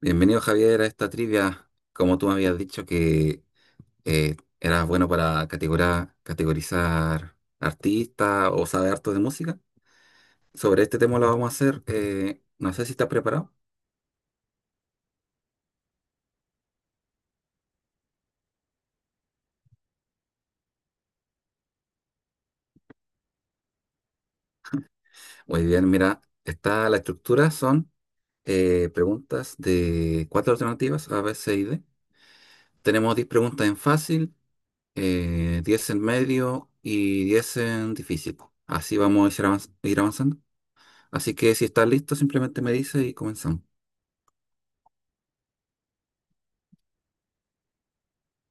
Bienvenido, Javier, a esta trivia. Como tú me habías dicho que eras bueno para categorizar artistas o saber harto de música, sobre este tema lo vamos a hacer. No sé si estás preparado. Muy bien, mira, está la estructura, son preguntas de cuatro alternativas: A, B, C y D. Tenemos 10 preguntas en fácil, 10 en medio y 10 en difícil. Así vamos a ir ir avanzando. Así que si estás listo, simplemente me dices y comenzamos.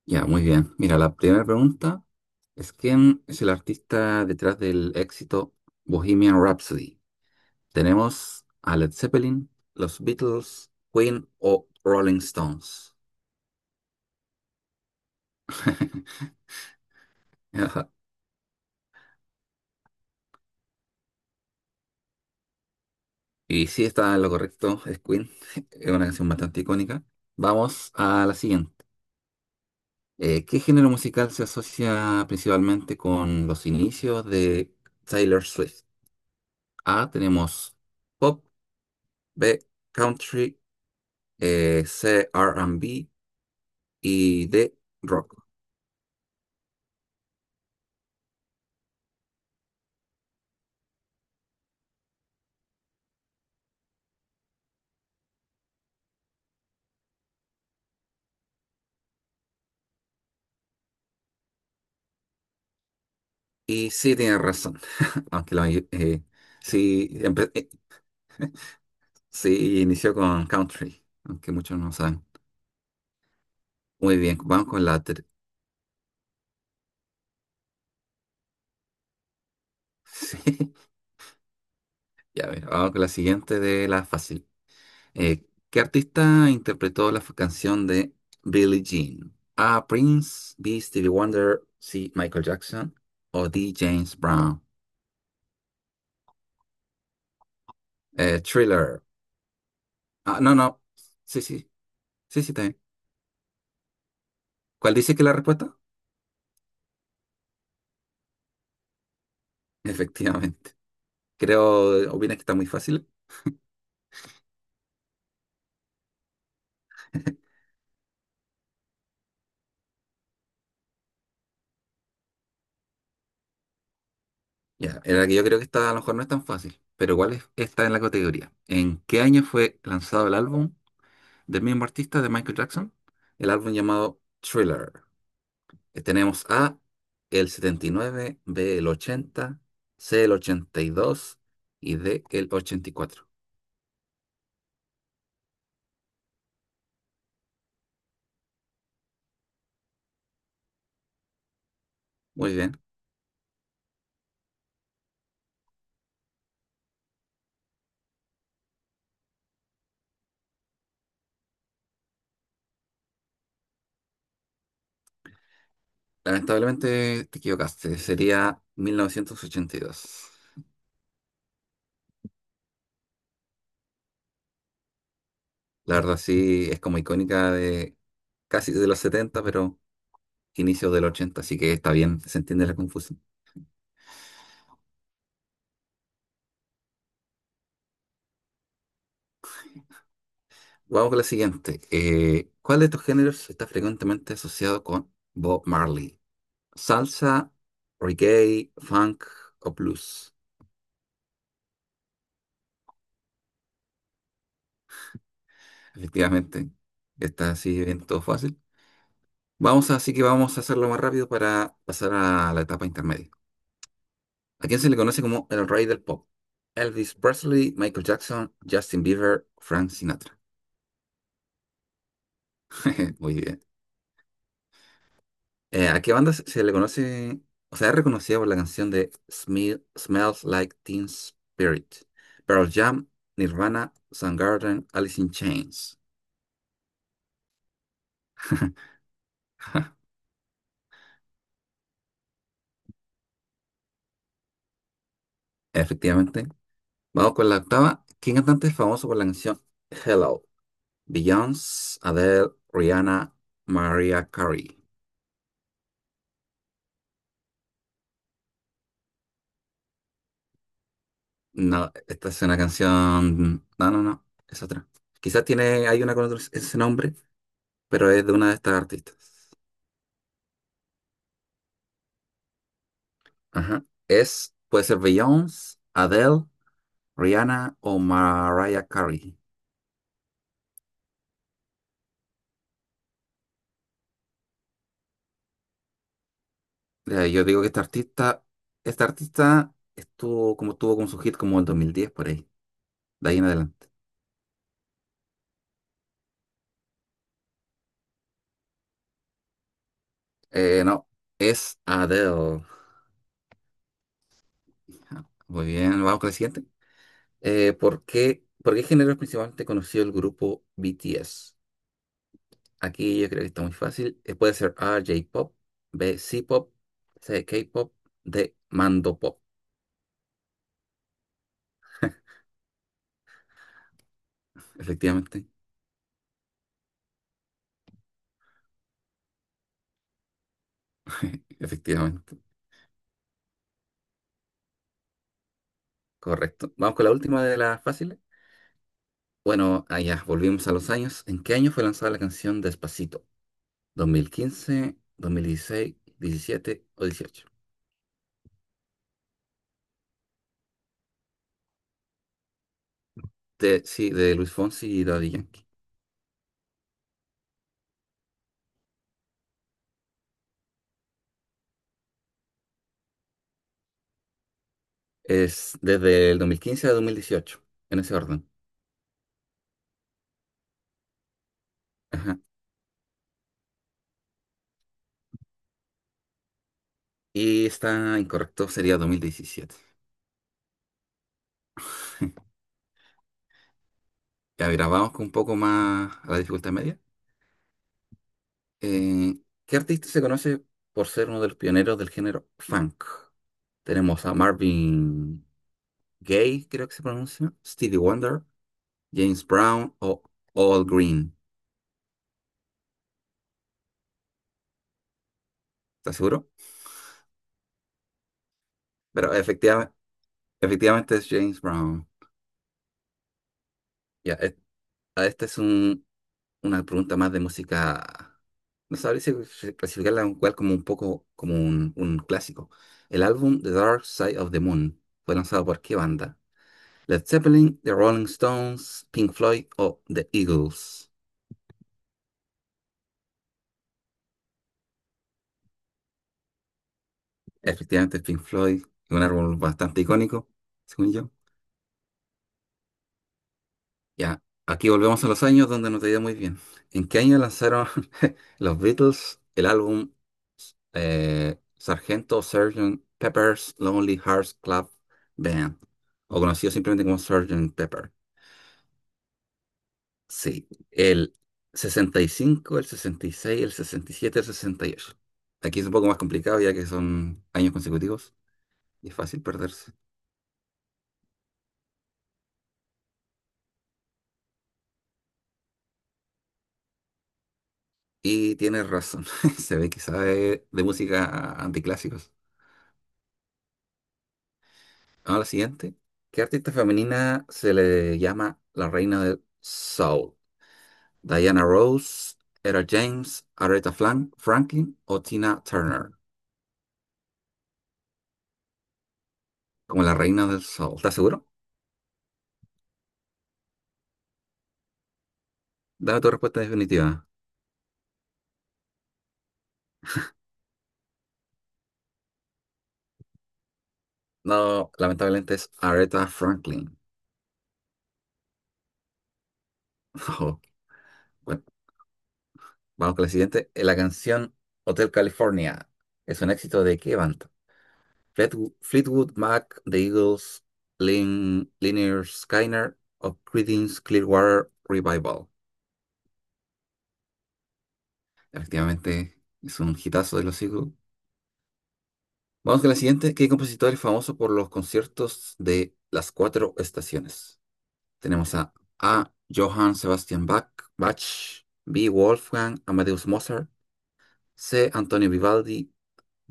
Ya, muy bien. Mira, la primera pregunta es: ¿quién es el artista detrás del éxito Bohemian Rhapsody? ¿Tenemos a Led Zeppelin, los Beatles, Queen o Rolling Stones? Ajá. Y sí, está en lo correcto, es Queen, es una canción bastante icónica. Vamos a la siguiente. ¿Qué género musical se asocia principalmente con los inicios de Taylor Swift? A, tenemos pop; B, country; C, R&B; y D, rock. Y sí, tiene razón, aunque la sí, sí inició con country, aunque muchos no saben. Muy bien, vamos con la... ter- Sí, ya ver, vamos con la siguiente de la fácil. Eh, ¿Qué artista interpretó la canción de Billie Jean? A, Prince; B, Stevie Wonder; C, Michael Jackson; o D, James Brown. Thriller. Ah, no, no. Sí, sí, sí, sí, también. ¿Cuál dice que es la respuesta? Efectivamente. Creo, ¿opinas que está muy fácil? Ya, en la que yo creo que esta a lo mejor no es tan fácil, pero ¿cuál es esta en la categoría? ¿En qué año fue lanzado el álbum del mismo artista de Michael Jackson? El álbum llamado Thriller. Tenemos A, el 79; B, el 80; C, el 82; y dos y D, el 84. Muy bien. Lamentablemente te equivocaste. Sería 1982. La verdad sí es como icónica de casi de los 70, pero inicios del 80, así que está bien, se entiende la confusión. Vamos con la siguiente. ¿Cuál de estos géneros está frecuentemente asociado con Bob Marley? ¿Salsa, reggae, funk o blues? Efectivamente, está así bien todo fácil. Así que vamos a hacerlo más rápido para pasar a la etapa intermedia. ¿A quién se le conoce como el rey del pop? Elvis Presley, Michael Jackson, Justin Bieber, Frank Sinatra. Muy bien. ¿A qué banda se le conoce? O sea, es reconocida por la canción de Smells Like Teen Spirit. Pearl Jam, Nirvana, Soundgarden, Alice in Chains. Efectivamente. Vamos con la octava. ¿Quién cantante es famoso por la canción Hello? Beyoncé, Adele, Rihanna, Mariah Carey. No, esta es una canción. No, no, no. Es otra. Quizás tiene, hay una con ese nombre, pero es de una de estas artistas. Ajá. Es, puede ser Beyoncé, Adele, Rihanna o Mariah Carey. Yo digo que esta artista estuvo como tuvo con su hit como el 2010 por ahí, de ahí en adelante. No, es Adele. Ajá. Muy bien, vamos con el siguiente. ¿ por qué género es principalmente conocido el grupo BTS? Aquí yo creo que está muy fácil. Puede ser A, J-pop; B, C-pop; C, K-pop; D, Mando pop. Efectivamente. Efectivamente, correcto. Vamos con la última de las fáciles. Bueno, allá volvimos a los años. ¿En qué año fue lanzada la canción Despacito? ¿2015, 2016, 17 o 18? De, sí, de Luis Fonsi y Daddy Yankee. Es desde el 2015 a 2018, en ese orden. Ajá. Y está incorrecto, sería 2017. Ya, mira, vamos con un poco más a la dificultad media. Eh, ¿Qué artista se conoce por ser uno de los pioneros del género funk? Tenemos a Marvin Gay, creo que se pronuncia, Stevie Wonder, James Brown o All Green. ¿Estás seguro? Pero efectivamente, efectivamente es James Brown. Ya, a esta es una pregunta más de música. No sabría si si clasificarla en cual como un poco como un clásico. El álbum The Dark Side of the Moon, ¿fue lanzado por qué banda? Led Zeppelin, The Rolling Stones, Pink Floyd o The Eagles. Efectivamente, Pink Floyd, un álbum bastante icónico, según yo. Ya, aquí volvemos a los años donde no te iba muy bien. ¿En qué año lanzaron los Beatles el álbum Sargento Sgt. Pepper's Lonely Hearts Club Band? O conocido simplemente como Sergeant Pepper. Sí, el 65, el 66, el 67, el 68. Aquí es un poco más complicado, ya que son años consecutivos y es fácil perderse. Y tienes razón, se ve que sabe de música anticlásicos. Ahora la siguiente. ¿Qué artista femenina se le llama la reina del soul? ¿Diana Rose, Era James, Aretha Franklin o Tina Turner? Como la reina del soul. ¿Estás seguro? Dame tu respuesta definitiva. No, lamentablemente es Aretha Franklin. Ojo. Bueno, vamos con la siguiente. La canción Hotel California, ¿es un éxito de qué banda? Fleetwood, Fleetwood Mac, The Eagles, Lynyrd Skynyrd o Creedence Clearwater Revival. Efectivamente, es un hitazo de los siglos. Vamos con la siguiente. ¿Qué compositor es famoso por los conciertos de las cuatro estaciones? Tenemos a A, Johann Sebastian Bach, Bach; B, Wolfgang Amadeus Mozart; C, Antonio Vivaldi;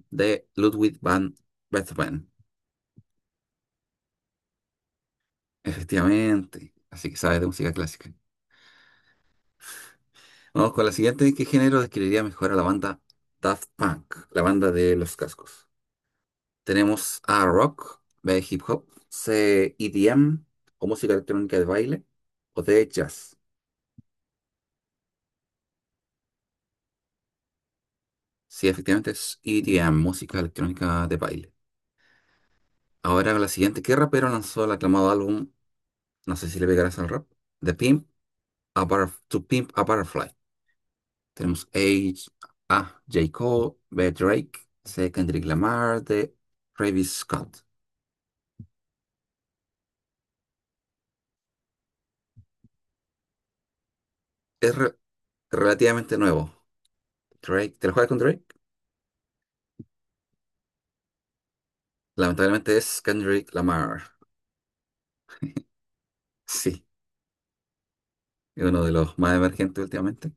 D, Ludwig van Beethoven. Efectivamente, así que sabes de música clásica. Vamos con la siguiente. ¿Qué género describiría mejor a la banda Daft Punk, la banda de los cascos? Tenemos a rock, de hip hop; C, EDM o música electrónica de baile; o de jazz. Sí, efectivamente es EDM, música electrónica de baile. Ahora la siguiente, ¿qué rapero lanzó el aclamado álbum? No sé si le pegarás al rap. The Pimp, a Butterf- To Pimp a Butterfly. Tenemos A, J. Cole; B, Drake; C, Kendrick Lamar; D, Travis Scott. Es re- Relativamente nuevo. Drake, ¿te lo juegas con Drake? Lamentablemente es Kendrick Lamar. Sí. Es uno de los más emergentes últimamente.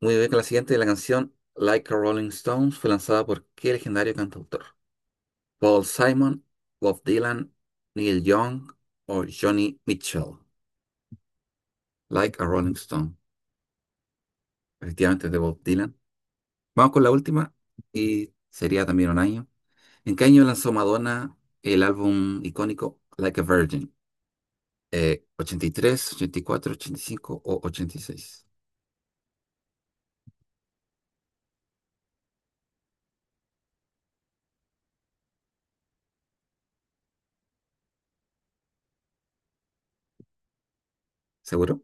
Muy bien, con la siguiente, la canción Like a Rolling Stones, ¿fue lanzada por qué legendario cantautor? Paul Simon, Bob Dylan, Neil Young o Johnny Mitchell. Like a Rolling Stone. Efectivamente es de Bob Dylan. Vamos con la última y sería también un año. ¿En qué año lanzó Madonna el álbum icónico Like a Virgin? ¿83, 84, 85 o 86? ¿Seguro?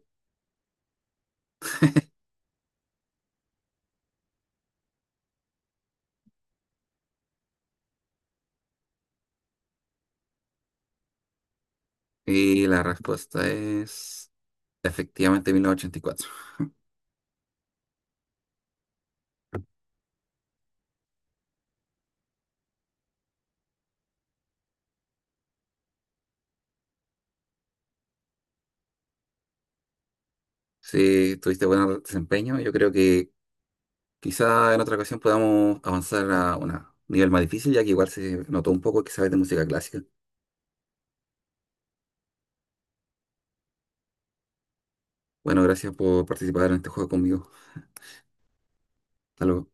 Y la respuesta es: efectivamente, 1984. Sí, tuviste buen desempeño. Yo creo que quizá en otra ocasión podamos avanzar a un nivel más difícil, ya que igual se notó un poco que sabes de música clásica. Bueno, gracias por participar en este juego conmigo. Hasta luego.